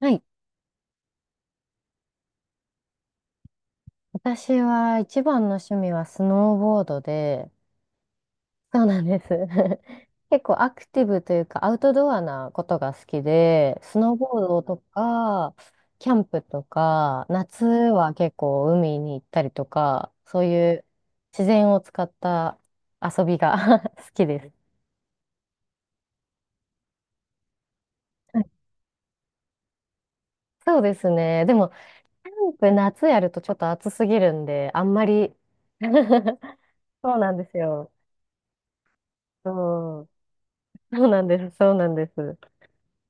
はい。私は一番の趣味はスノーボードで、そうなんです。結構アクティブというかアウトドアなことが好きで、スノーボードとか、キャンプとか、夏は結構海に行ったりとか、そういう自然を使った遊びが 好きです。はい、そうですね。でも、キャンプ夏やるとちょっと暑すぎるんで、あんまり。 そうなんですよ。そう、そうなんです。そうなんです。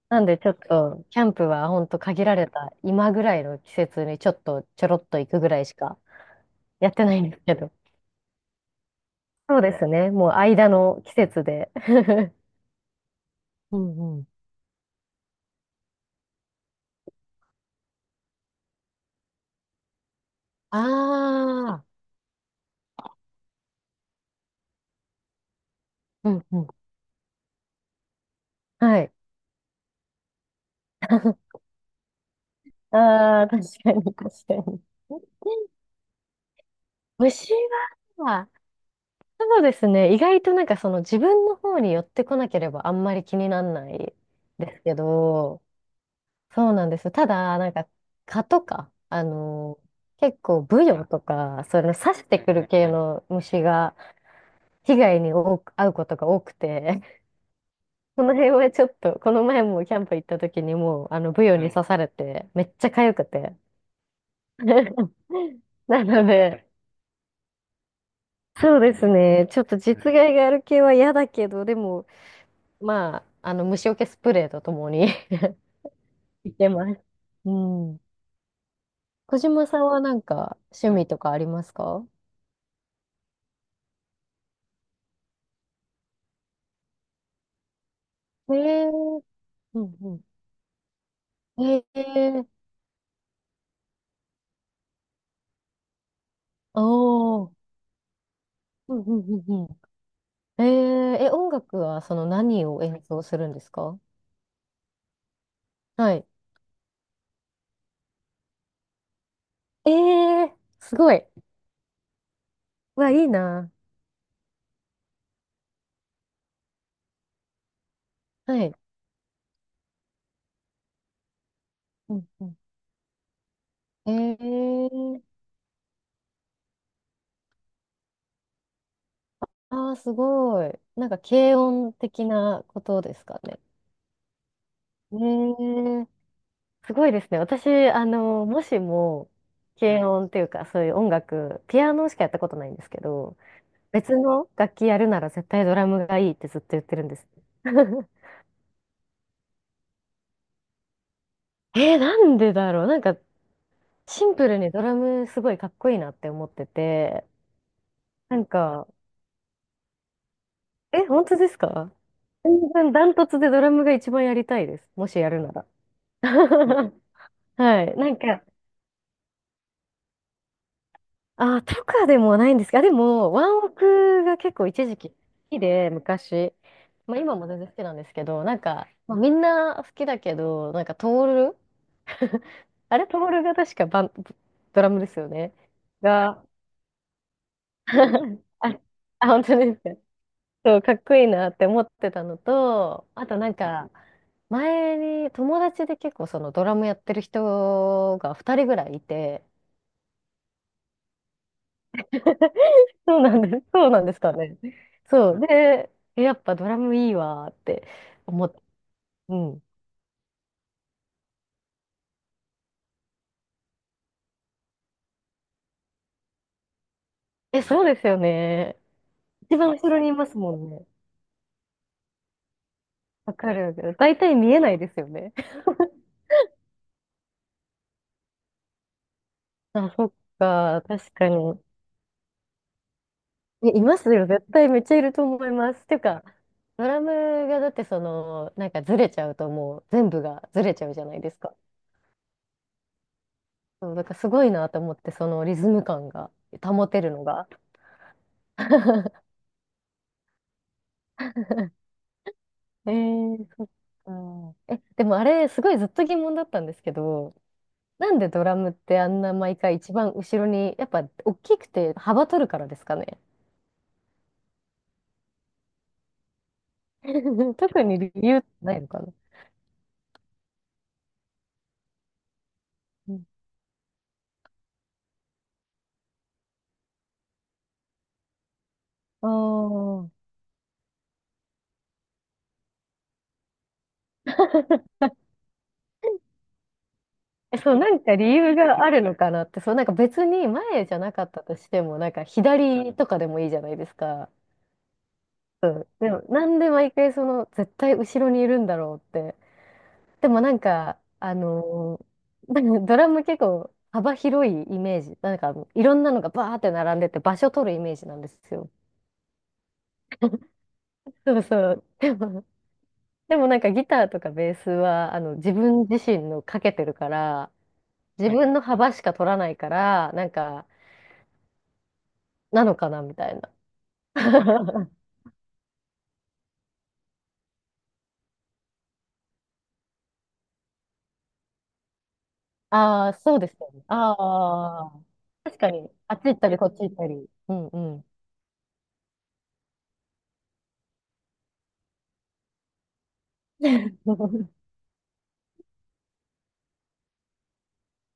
なんでちょっと、キャンプはほんと限られた今ぐらいの季節にちょっとちょろっと行くぐらいしかやってないんですけど。そうですね。もう間の季節で。うんうん。ああ、うんうん。はい。ああ、確かに確かに。虫は、そうですね。意外となんかその自分の方に寄ってこなければあんまり気にならないですけど、そうなんですよ。ただ、なんか、蚊とか、あの、結構、ブヨとか、その刺してくる系の虫が、被害に多く遭うことが多くて、この辺はちょっと、この前もキャンプ行った時にもう、あの、ブヨに刺されて、めっちゃ痒くて。なので、そうですね、ちょっと実害がある系は嫌だけど、でも、まあ、あの、虫除けスプレーとともに いけます。うん。小島さんはなんか、趣味とかありますか？ええ、うんうん。ええ、おー。うんうんうんうん。え、ええ、音楽はその何を演奏するんですか？はい。え、え、すごい。うわ、いいな。はい。うんうん。ええ、ああー、すごい。なんか軽音的なことですかね。え、え、すごいですね。私、あの、もしも、軽音っていうか、そういう音楽、ピアノしかやったことないんですけど、別の楽器やるなら絶対ドラムがいいってずっと言ってるんです。なんでだろう、なんか、シンプルにドラムすごいかっこいいなって思ってて、なんか、え、本当ですか？全然ダントツでドラムが一番やりたいです。もしやるなら。はい。なんか、あ、とかでもないんですが、でも、ワンオクが結構一時期好きで、昔。まあ今も全然好きなんですけど、なんか、まあみんな好きだけど、なんか、トール。 あれ、トモルが確かバン、ドラムですよね。が、あ、あ、本当ですか。そう、かっこいいなって思ってたのと、あとなんか、前に友達で結構そのドラムやってる人が2人ぐらいいて、そうなんです。そうなんですかね。そう。で、やっぱドラムいいわーって思って。うん。え、そうですよね。一番後ろにいますもんね。わかるわかる。大体見えないですよね。あ、そっか、確かに。い、いますよ、絶対めっちゃいると思います。ていうか、ドラムがだってその、なんかずれちゃうともう全部がずれちゃうじゃないですか。そう、だからすごいなと思って、そのリズム感が保てるのが。えー、そっか。え、でもあれ、すごいずっと疑問だったんですけど、なんでドラムってあんな毎回一番後ろに、やっぱ大きくて幅取るからですかね。特に理由ないのかな。うん、ああ。え、そう、なんか理由があるのかなって、そう、なんか別に前じゃなかったとしても、なんか左とかでもいいじゃないですか。うん。でも、なんで毎回その、絶対後ろにいるんだろうって。でもなんか、なんか ドラム結構幅広いイメージ。なんか、いろんなのがバーって並んでて場所取るイメージなんですよ。そうそう。でも、でもなんかギターとかベースは、あの、自分自身のかけてるから、自分の幅しか取らないから、なんか、なのかなみたいな。ああ、そうですよね。ああ、確かに、あっち行ったり、こっち行ったり。うんうん。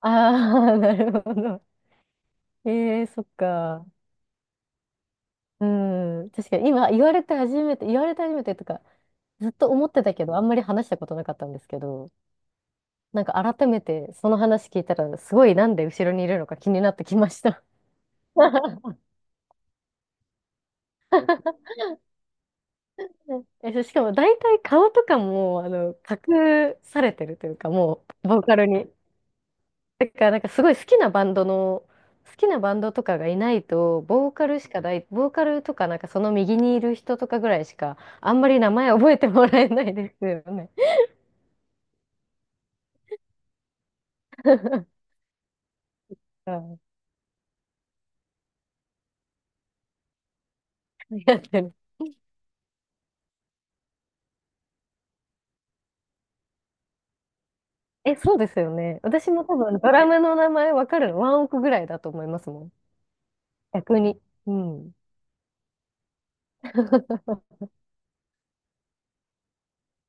ああ、なるほど。ええ、そっか。うん。確かに、今、言われて初めて、言われて初めてとか、ずっと思ってたけど、あんまり話したことなかったんですけど、なんか改めてその話聞いたら、すごいなんで後ろにいるのか気になってきました。え、そうしかも大体顔とかも、あの、隠されてるというか、もう、ボーカルに。だからなんかすごい好きなバンドの、好きなバンドとかがいないと、ボーカルしかない、ボーカルとかなんかその右にいる人とかぐらいしか、あんまり名前覚えてもらえないですよね。うん、やってる。え、そうですよね。私も多分ドラムの名前わかるの、ワンオクぐらいだと思いますもん。逆に。うん。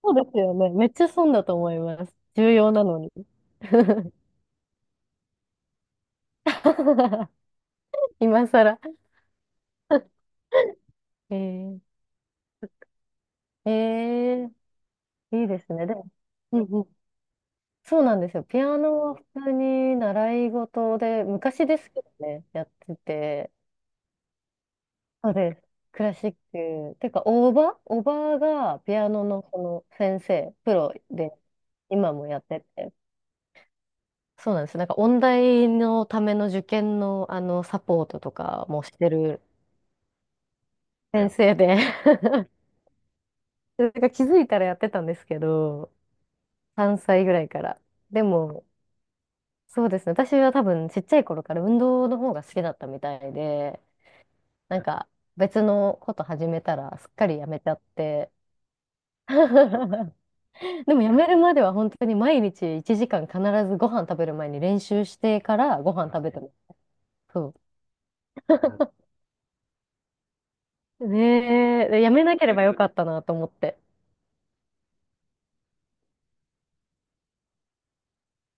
そうですよね。めっちゃ損だと思います。重要なのに。今更。えー、えー、いいですね。でも、うんうん、そうなんですよ。ピアノは普通に習い事で、昔ですけどね、やってて、そうです。クラシック。てか、おば、おばがピアノのその先生、プロで、今もやってて。そうなんです。なんか、音大のための受験の、あの、サポートとかもしてる先生で。なんか気づいたらやってたんですけど、3歳ぐらいから。でも、そうですね。私は多分ちっちゃい頃から運動の方が好きだったみたいで、なんか別のこと始めたらすっかりやめちゃって。でもやめるまでは本当に毎日1時間必ずご飯食べる前に練習してからご飯食べてます。そう。ねえ、でやめなければよかったなと思って。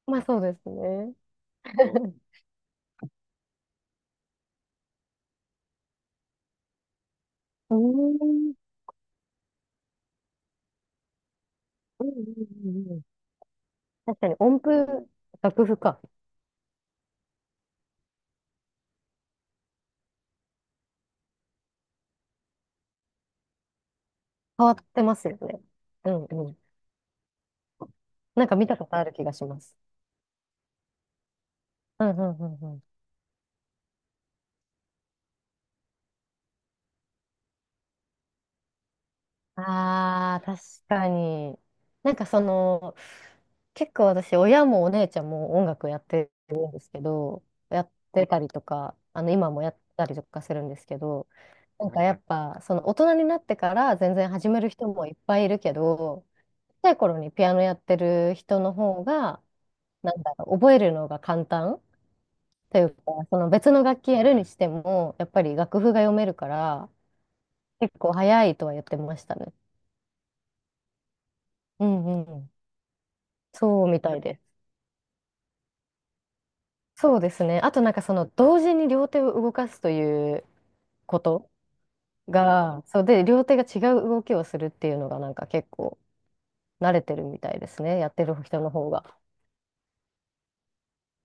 まあそうですね。うーん。うんうんうんうん、確かに音符、楽譜か。変わってますよね。うんうん。なんか見たことある気がします。うんうんうん、ああ、確かに。なんかその、結構私、親もお姉ちゃんも音楽やってるんですけど、やってたりとか、あの、今もやったりとかするんですけど、なんかやっぱ、その大人になってから全然始める人もいっぱいいるけど、小さい頃にピアノやってる人の方が、なんだろう、覚えるのが簡単というか、その別の楽器やるにしても、やっぱり楽譜が読めるから、結構早いとは言ってましたね。うんうん。そうみたいです。そうですね。あとなんかその同時に両手を動かすということが、そうで、両手が違う動きをするっていうのがなんか結構慣れてるみたいですね。やってる人の方が。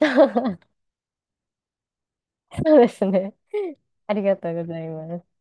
そうですね。ありがとうございます。